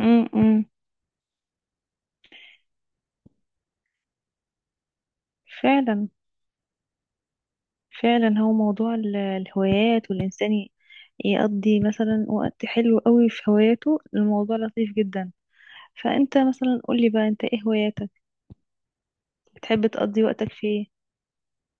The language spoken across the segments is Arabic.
امم. فعلا. فعلا، هو موضوع الهوايات والإنسان يقضي مثلا وقت حلو قوي في هواياته، الموضوع لطيف جدا. فأنت مثلا قولي بقى، أنت إيه هواياتك؟ بتحب تقضي وقتك في إيه؟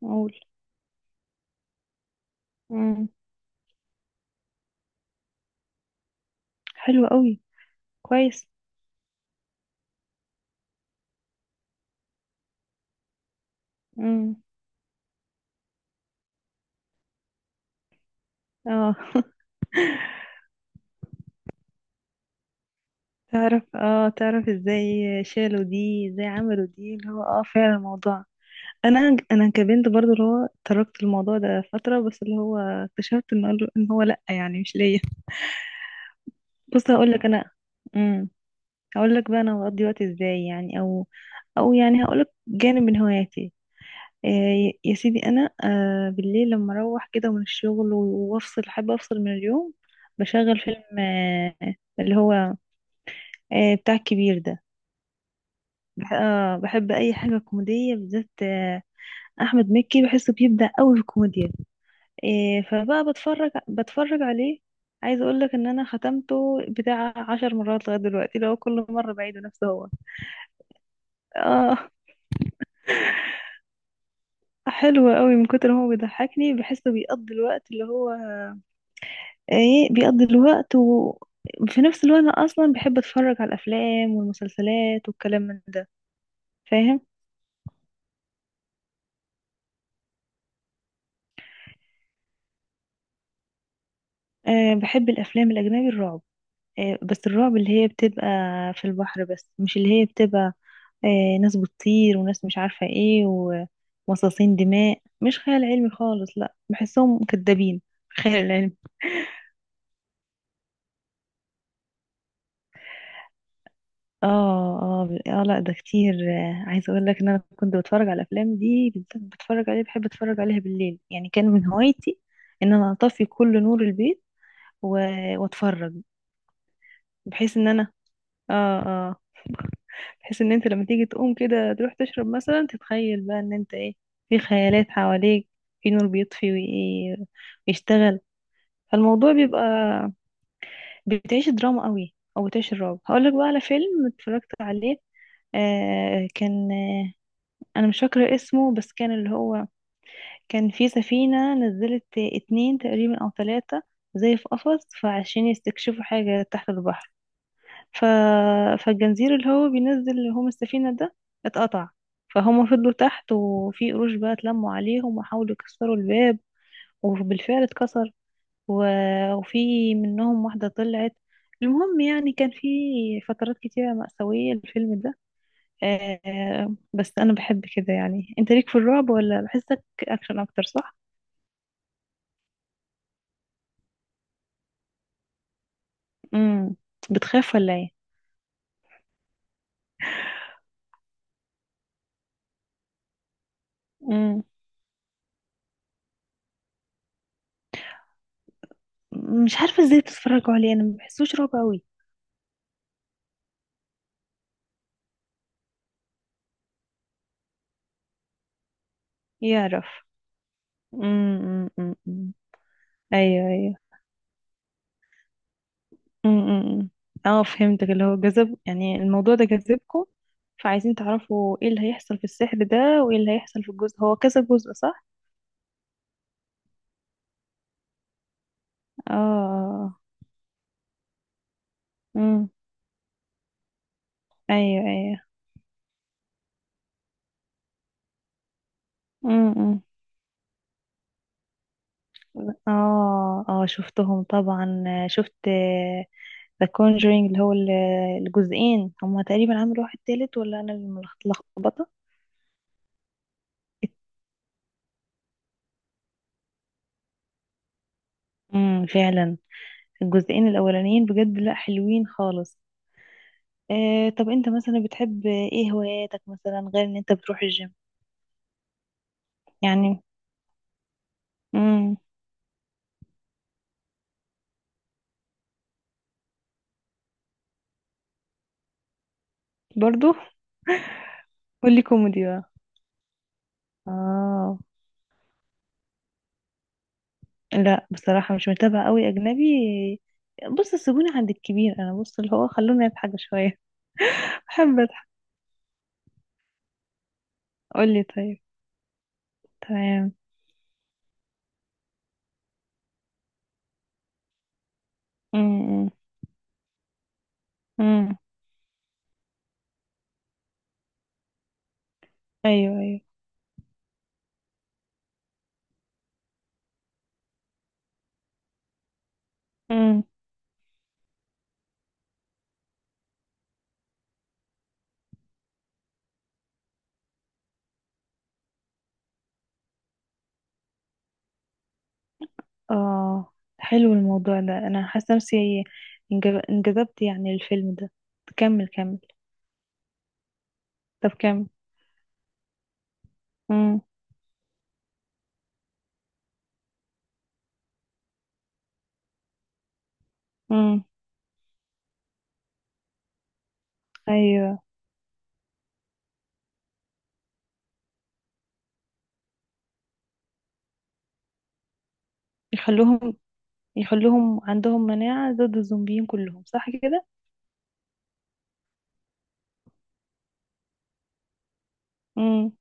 قول. امم. حلو قوي. كويس. امم. اه. تعرف ازاي؟ شالوا دي ازاي؟ عملوا دي؟ اللي هو فعلا الموضوع. انا انا كبنت برضو اللي هو تركت الموضوع ده فترة، بس اللي هو اكتشفت ان هو إن هو لا، يعني مش ليا. بص، هقول لك، انا. امم هقول لك بقى انا بقضي وقت ازاي، يعني، او يعني هقول لك جانب من هواياتي. يا سيدي، انا بالليل لما اروح كده من الشغل وافصل، حابه افصل من اليوم. بشغل فيلم، اللي هو بتاع الكبير ده. بح آه بحب اي حاجه كوميديه بالذات. احمد مكي بحسه بيبدع قوي في الكوميديا. فبقى بتفرج عليه. عايزه اقول لك ان انا ختمته بتاع 10 مرات لغايه دلوقتي، لو كل مره بعيده نفسه هو. اه، حلو قوي. من كتر ما هو بيضحكني، بحسه بيقضي الوقت اللي هو بيقضي الوقت. وفي نفس الوقت انا اصلا بحب اتفرج على الافلام والمسلسلات والكلام من ده. فاهم؟ بحب الافلام الاجنبي، الرعب. بس الرعب اللي هي بتبقى في البحر، بس مش اللي هي بتبقى ناس بتطير وناس مش عارفة ايه. ومصاصين دماء مش خيال علمي خالص، لا، بحسهم كدابين. خيال علمي. اه، اه. لا، ده كتير. عايزه اقول لك ان انا كنت بتفرج على الافلام دي بالذات، بتفرج عليها، بحب اتفرج عليها بالليل. يعني كان من هوايتي ان انا اطفي كل نور البيت و... واتفرج. بحيث ان انا اه اه بحيث ان انت لما تيجي تقوم كده تروح تشرب مثلا، تتخيل بقى ان انت ايه، في خيالات حواليك، في نور بيطفي ويشتغل. فالموضوع بيبقى، بتعيش دراما قوي او بتعيش الرعب. هقول لك بقى على فيلم اتفرجت عليه. آه كان انا مش فاكره اسمه، بس كان اللي هو كان في سفينه نزلت اتنين تقريبا او ثلاثه، زي في قفص، فعشان يستكشفوا حاجه تحت البحر. ف... فالجنزير اللي هو بينزل اللي هم السفينه ده اتقطع. فهم فضلوا تحت، وفي قروش بقى اتلموا عليهم، وحاولوا يكسروا الباب، وبالفعل اتكسر. و... وفي منهم واحده طلعت. المهم يعني كان في فترات كتيره مأساويه الفيلم ده. بس انا بحب كده. يعني انت ليك في الرعب ولا بحسك اكشن اكتر، صح؟ امم. بتخاف ولا ايه؟ امم. مش عارفه ازاي بتتفرجوا عليه، انا ما بحسوش رعب قوي. يعرف. أمم، أمم. ايوه، ايوه. أمم. اه، فهمتك. اللي هو جذب، يعني الموضوع ده جذبكم، فعايزين تعرفوا ايه اللي هيحصل في السحر ده، وايه اللي هيحصل في الجزء. هو كذا جزء، صح؟ اه. امم. ايوه، ايوه. امم. اه، اه، شفتهم طبعا. شفت ذا كونجرينج اللي هو الجزئين هما، تقريبا عملوا واحد تالت، ولا انا اللي ملخبطه. امم، فعلا. الجزئين الاولانيين بجد، لا حلوين خالص. طب انت مثلا بتحب ايه هواياتك، مثلا غير ان انت بتروح الجيم؟ يعني. امم. برضو. قولي كوميدي بقى. اه، لا، بصراحه مش متابعه قوي اجنبي. بص سيبوني عند الكبير، انا بص اللي هو خلوني اضحك شويه. بحب أضحك. قولي طيب. تمام. امم. امم. ايوه، ايوه. امم. اه، حلو الموضوع ده، انا حاسه نفسي انجذبت، يعني الفيلم ده. كمل، كمل. طب كمل. امم. امم. ايوه. يخلوهم يخلوهم عندهم مناعه ضد الزومبيين كلهم، صح كده؟ امم.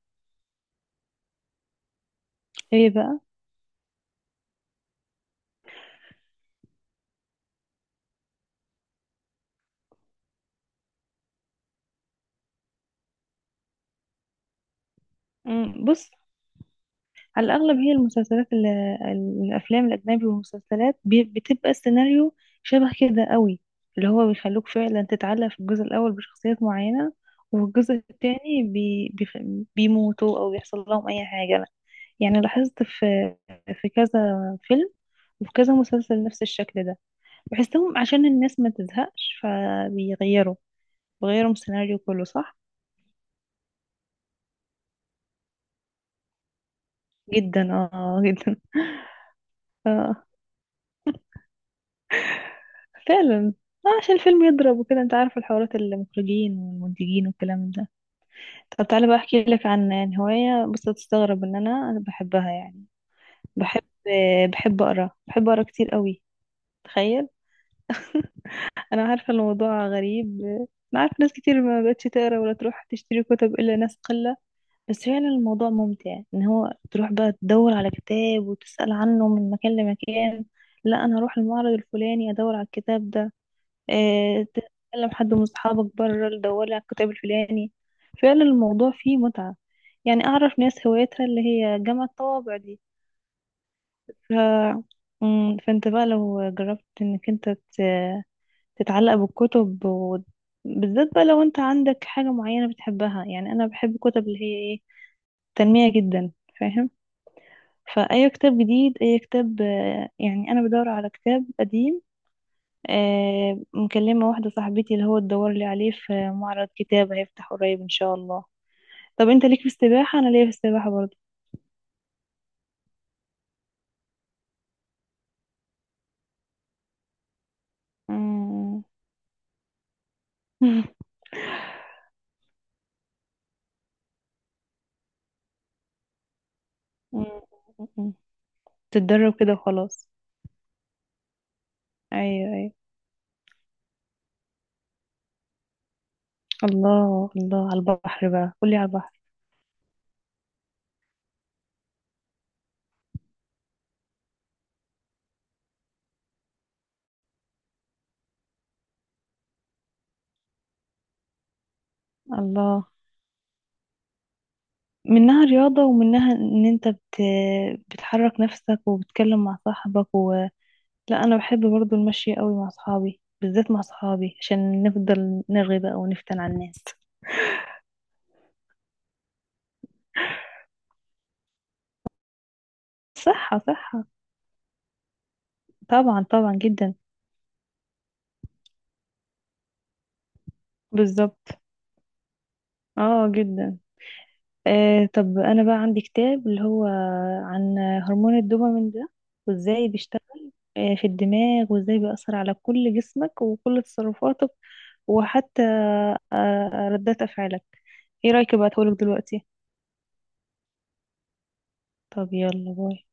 ايه بقى؟ مم. بص، على الأغلب هي المسلسلات، الأفلام الأجنبي والمسلسلات، بتبقى السيناريو شبه كده قوي. اللي هو بيخلوك فعلا تتعلق في الجزء الأول بشخصيات معينة، وفي الجزء التاني بيموتوا أو بيحصل لهم أي حاجة. يعني لاحظت في كذا فيلم وفي كذا مسلسل نفس الشكل ده. بحسهم عشان الناس ما تزهقش فبيغيروا السيناريو كله، صح؟ جدا، جدا. فعلا. عشان الفيلم يضرب وكده انت عارف، الحوارات، المخرجين والمنتجين والكلام ده. طب تعالى بقى احكي لك عن هواية، بص هتستغرب ان انا بحبها. يعني بحب بحب اقرا، بحب اقرا كتير قوي. تخيل. انا عارفة الموضوع غريب. انا عارفة ناس كتير ما بقتش تقرا ولا تروح تشتري كتب الا ناس قلة. بس فعلا الموضوع ممتع ان هو تروح بقى تدور على كتاب وتسأل عنه من مكان لمكان. لا، انا هروح المعرض الفلاني ادور على الكتاب ده. تكلم حد من صحابك بره تدور على الكتاب الفلاني. فعلا الموضوع فيه متعة. يعني أعرف ناس هوايتها اللي هي جمع الطوابع دي. ف... مم، فأنت بقى لو جربت إنك أنت تتعلق بالكتب، بالذات بقى لو أنت عندك حاجة معينة بتحبها. يعني أنا بحب الكتب اللي هي إيه، تنمية جدا. فاهم؟ فأي كتاب جديد، أي كتاب، يعني أنا بدور على كتاب قديم. مكلمة واحدة صاحبتي اللي هو تدور لي عليه في معرض كتاب هيفتح قريب ان شاء الله. طب انت ليك في السباحة؟ انا ليا في السباحة برضه. مم. تتدرب كده وخلاص. ايوه، ايوه. الله الله على البحر بقى، قولي على البحر. الله. منها رياضة، ومنها ان انت بتحرك نفسك، وبتتكلم مع صاحبك. لا انا بحب برضو المشي قوي مع صحابي، بالذات مع صحابي عشان نفضل نرغي بقى ونفتن على الناس. صحة، صحة. طبعا، طبعا، جدا. بالظبط. اه، جدا. طب انا بقى عندي كتاب اللي هو عن هرمون الدوبامين ده، وازاي بيشتغل في الدماغ، وازاي بيأثر على كل جسمك وكل تصرفاتك، وحتى ردات افعالك. ايه رأيك ابعتهولك دلوقتي؟ طب يلا باي.